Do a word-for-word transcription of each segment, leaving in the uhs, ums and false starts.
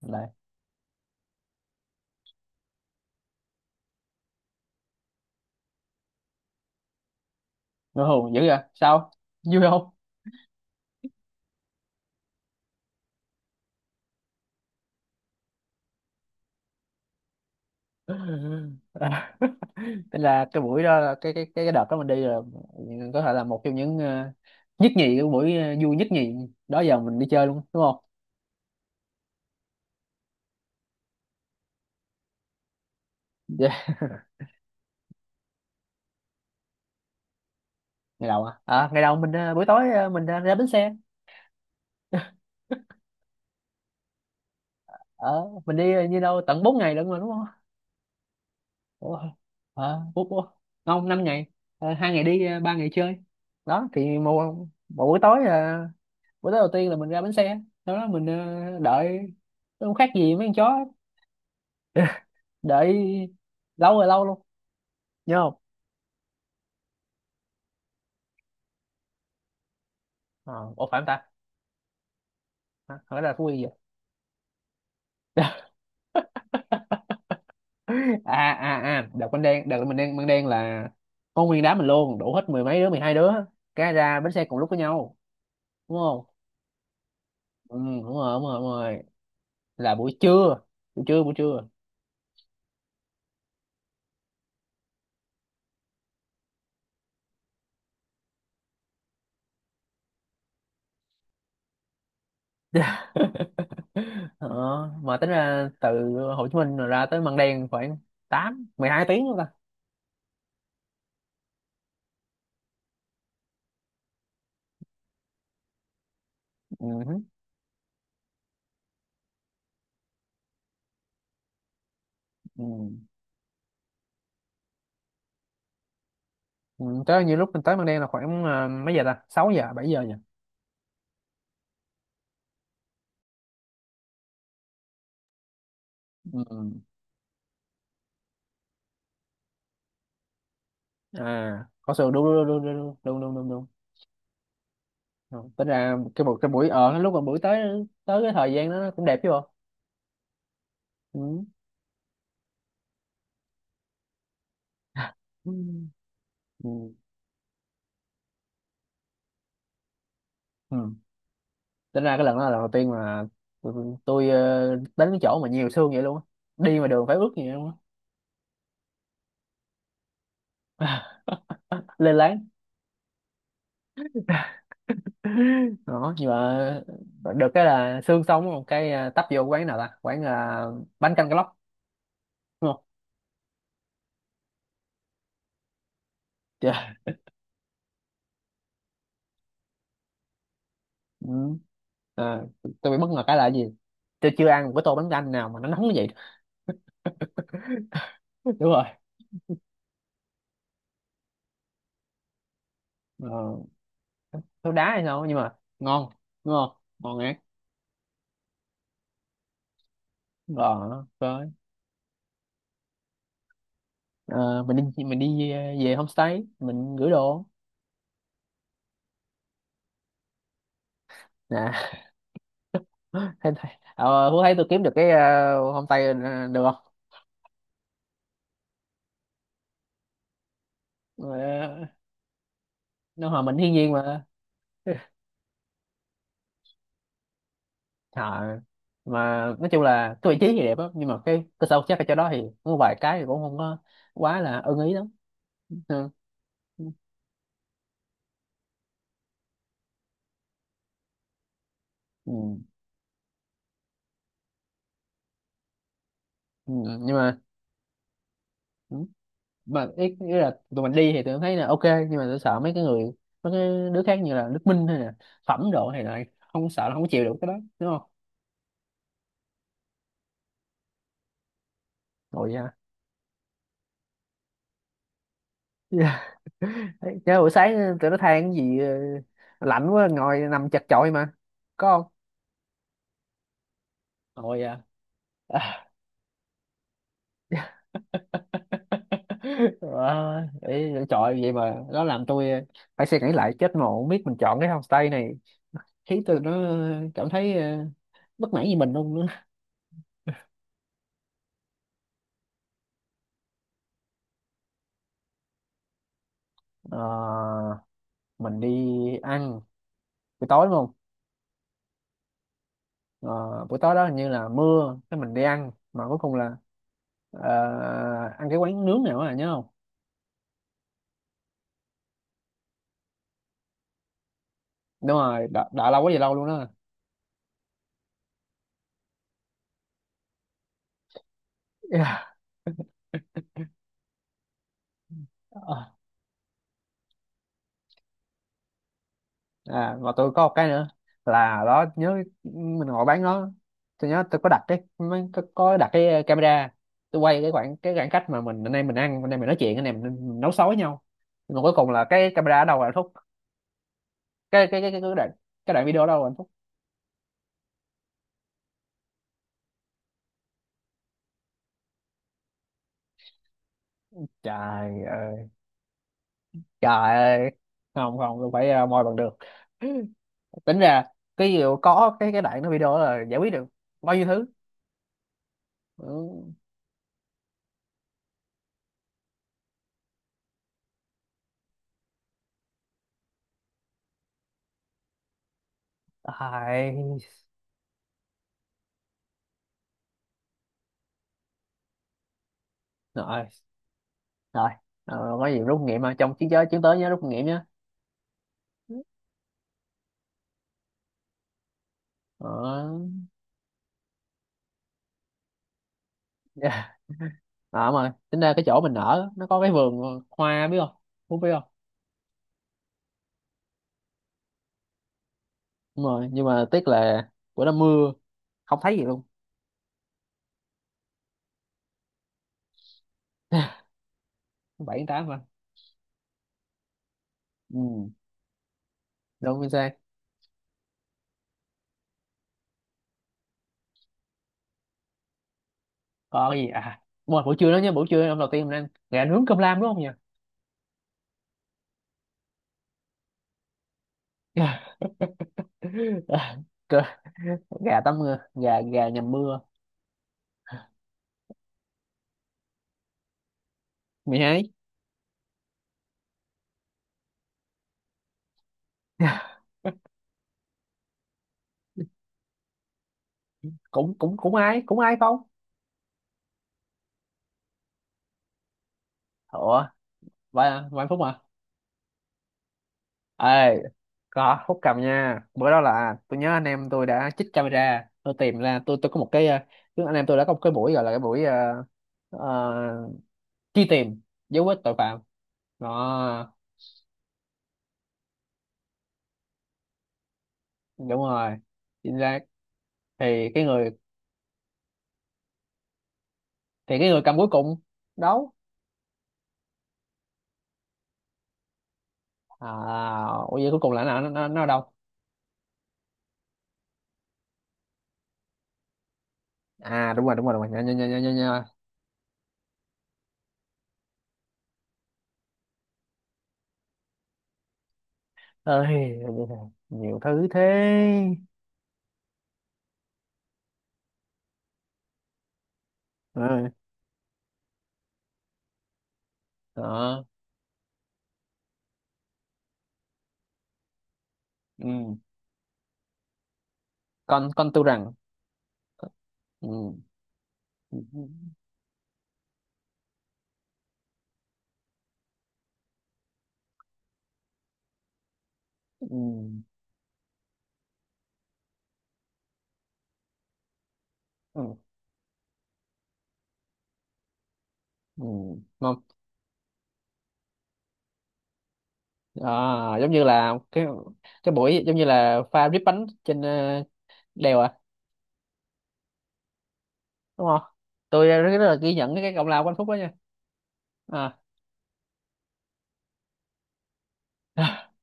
Lại. Ngơ hồn dữ vậy sao, vui không? Thế là cái buổi đó là cái cái cái cái đợt đó mình đi là có thể là một trong những ờ, nhất nhì cái buổi ờ, vui nhất nhì đó giờ mình đi chơi luôn, đúng không? Yeah. Ngày đầu à? À ngày đầu mình ờ, buổi tối ờ, mình ra, ra bến xe. Ở mình đi ờ, như đâu tận bốn ngày lận mà, đúng không? Ủa, ờ, bốn bốn- không, năm ngày. Ờ, hai ngày đi, ờ, ba ngày chơi đó thì một một buổi tối, ờ, bữa tối đầu tiên là mình ra bến xe. Sau đó mình ờ, đợi không khác gì mấy con chó đợi, lâu rồi lâu luôn. Nhớ không? ờ Ủa, phải không ta? Hả? Hỏi là Phú Yên vậy? à à à đợt mình đen đợt mình đen mình đen là có nguyên đám mình luôn đủ hết mười mấy đứa, mười hai đứa cái ra bến xe cùng lúc với nhau, đúng không? Ừ, đúng rồi, đúng rồi, đúng rồi, là buổi trưa, buổi trưa, buổi trưa. ờ, mà tính ra từ Hồ Chí Minh mà ra tới Măng Đen khoảng tám, mười hai tiếng luôn ta? Ừ. Hứ. Ừ. Ừ. Tới như lúc mình tới Măng Đen là khoảng, à, mấy giờ ta, sáu giờ bảy giờ nhỉ? Ừ. À có sự đúng, đúng, đúng, đúng, đúng, đúng, đúng, đúng. Rồi, tính ra cái buổi cái buổi ở lúc mà buổi tới tới cái thời gian đó nó cũng đẹp chứ bộ. Ừ. Ừ. Ừ. Ừ. Tính ra cái lần đó là lần đầu tiên mà tôi, tôi ờ, đến cái chỗ mà nhiều sương vậy luôn á, đi mà đường phải ướt vậy luôn á, lên láng. Đó, nhưng mà được cái là sương xong một cái, à, tấp vô quán nào ta, quán là bánh canh cá lóc, đúng không? Trời. Ừ. à, tôi bị bất ngờ cái là gì, tôi chưa ăn một cái tô bánh canh nào mà nó nóng như vậy. đúng rồi. ờ, tôi đá hay sao nhưng mà ngon, đúng không? Ngon ngát. Rồi, rồi. Ờ, mình đi mình đi về về homestay, mình gửi đồ nè. thấy thấy ờ, Phú, thấy tôi kiếm được cái ờ, homestay ờ, được không? Ờ, nó hòa mình thiên nhiên mà. Ờ, mà nói chung là cái vị trí thì đẹp á, nhưng mà cái cơ sở vật chất ở chỗ đó thì có vài cái thì cũng không có quá là ưng ý lắm. Ừ. Ừ. Ừ. Nhưng mà. Ừ. Mà ý, ý là tụi mình đi thì tụi mình thấy là ok, nhưng mà tôi sợ mấy cái người, mấy cái đứa khác như là Đức Minh hay là Phẩm độ thì lại không, sợ là không chịu được cái đó, đúng không? Ngồi vậy hả? Dạ. Đấy. Chứ buổi sáng ờ, tụi nó than cái gì, ờ, lạnh quá ngồi nằm chật chội mà, có không? Ngồi vậy hả? Wow, ý, chọi vậy mà nó làm tôi ờ, phải suy nghĩ lại, chết mà không biết mình chọn cái homestay này khiến tôi nó ờ, cảm thấy ờ, bất mãn với mình luôn nữa. Ờ, mình đi ăn buổi tối, đúng không? Ờ, buổi tối đó hình như là mưa, cái mình đi ăn mà cuối cùng là ờ, ăn cái quán nướng nào á, nhớ không? Đúng rồi, đợi, đợi lâu quá vậy, lâu luôn đó. Yeah. Ờ. à, mà tôi có một cái nữa là đó, nhớ mình ngồi bán nó. Tôi nhớ tôi có đặt cái mấy- có, có đặt cái ờ, camera. Tôi quay cái khoảng cái khoảng cách mà mình, anh em mình ăn, anh em mình nói chuyện, anh em mình nấu xối với nhau, nhưng mà cuối cùng là cái camera ở đâu rồi anh Phúc? cái cái cái cái cái đoạn cái đoạn video ở đâu rồi anh Phúc? Trời ơi, trời ơi, không, không, tôi phải ờ, moi bằng được. tính ra cái gì có cái cái đoạn nó video đó là giải quyết được bao nhiêu thứ. Ừ. Ai? Rồi, rồi, ờ, có gì rút kinh nghiệm mà trong chiến giới chiến tới nhớ rút kinh nghiệm nhá. Ờ. Yeah. à, mà tính ra cái chỗ mình ở nó có cái vườn hoa, biết không? Phú biết không? Đúng rồi, nhưng mà tiếc là bữa đó mưa, không thấy gì luôn. bảy, tháng tám mà. Ừ, đúng, chính xác. Có cái gì à, buổi buổi trưa đó nhá, buổi trưa hôm đầu tiên mình ăn gà nướng cơm lam đúng không nhỉ? Gà. Trời, gà tắm mưa, gà gà nhầm mưa, mày ấy. cũng cũng cũng ai cũng ai không? Ủa, vài vài phút mà, ê. Có Phúc cầm nha. Bữa đó là tôi nhớ anh em tôi đã chích camera, tôi tìm ra, tôi tôi có một cái ờ, tức anh em tôi đã có một cái buổi gọi là cái buổi ờ, ờ, truy tìm dấu vết tội phạm đó. Đúng rồi, chính xác. thì cái người thì cái người cầm cuối cùng đâu? À, ủa, vậy cuối cùng là nó nó nó ở đâu? À, đúng rồi, đúng rồi, đúng rồi, nhớ, nhớ, nhớ, nhớ, nhớ, nhớ. Ơi, bây giờ nhiều thứ thế. Ừ. Đó. Ừ. con con tu rằng. Ừ. Ừ. Ừ. Ừ. Ừ. Không. À, giống như là cái cái buổi giống như là pha rip bánh trên ờ, đèo à, đúng không? Tôi rất là ghi nhận cái công lao của anh Phúc đó nha. À.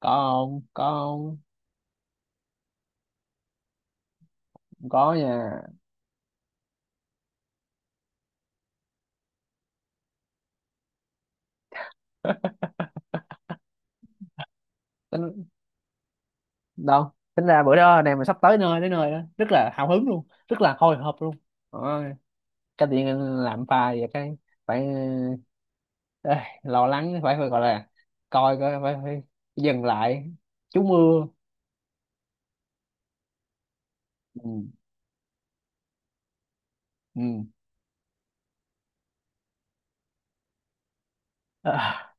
có không? Có không? Có nha. đâu, tính ra bữa đó này, mình sắp tới nơi, tới nơi đó rất là hào hứng luôn, rất là hồi hộp luôn. Đó, cái điện làm pha và cái phải ờ, ê, lo lắng, phải phải gọi là coi coi phải, phải dừng lại, chú mưa. Ừ. Ừ. À,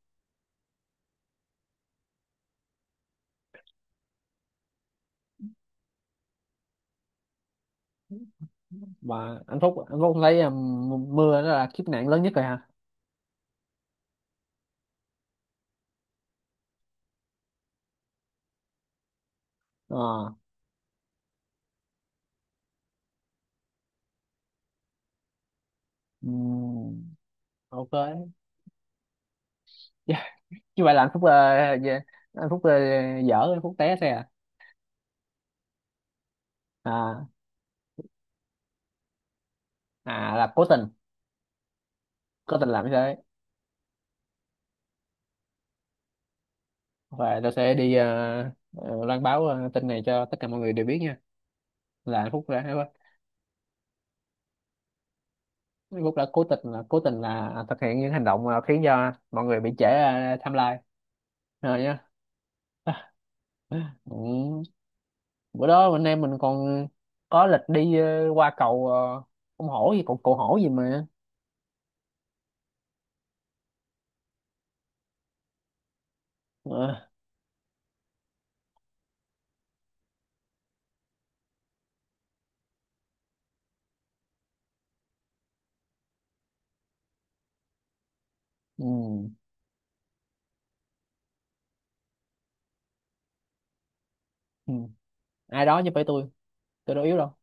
mà anh Phúc anh Phúc thấy um, mưa đó là kiếp nạn lớn nhất rồi hả? Ờ. Ừm, ok. Yeah. Như vậy là anh Phúc, ờ, dạ, anh Phúc ờ, dở, anh Phúc té xe à? À à, là cố tình, cố tình làm như thế. Và tao sẽ đi ờ, ờ, loan báo ờ, tin này cho tất cả mọi người đều biết nha. Là anh Phúc đã anh Phúc đã cố tình là cố tình là thực hiện những hành động ờ, khiến cho mọi người bị trễ ờ, timeline rồi nhá. ừ. Bữa đó anh em mình còn có lịch đi ờ, qua cầu, ờ, con hổ gì, cầu cầu hổ gì mà? Ờ. Ừ. Ừ. Ai đó chứ phải tôi tôi đâu yếu đâu.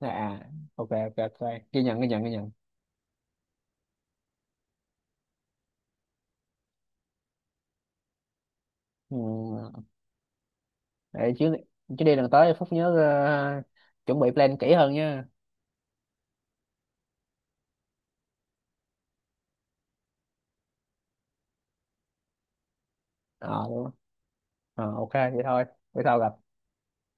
À, à, ok, ok, ok, ghi nhận, ghi nhận, ghi nhận. Ừ. Để chứ. Chứ đi lần tới Phúc nhớ ờ, chuẩn bị plan kỹ hơn nha. Ờ. Ờ, ok vậy thôi. Bữa sau gặp.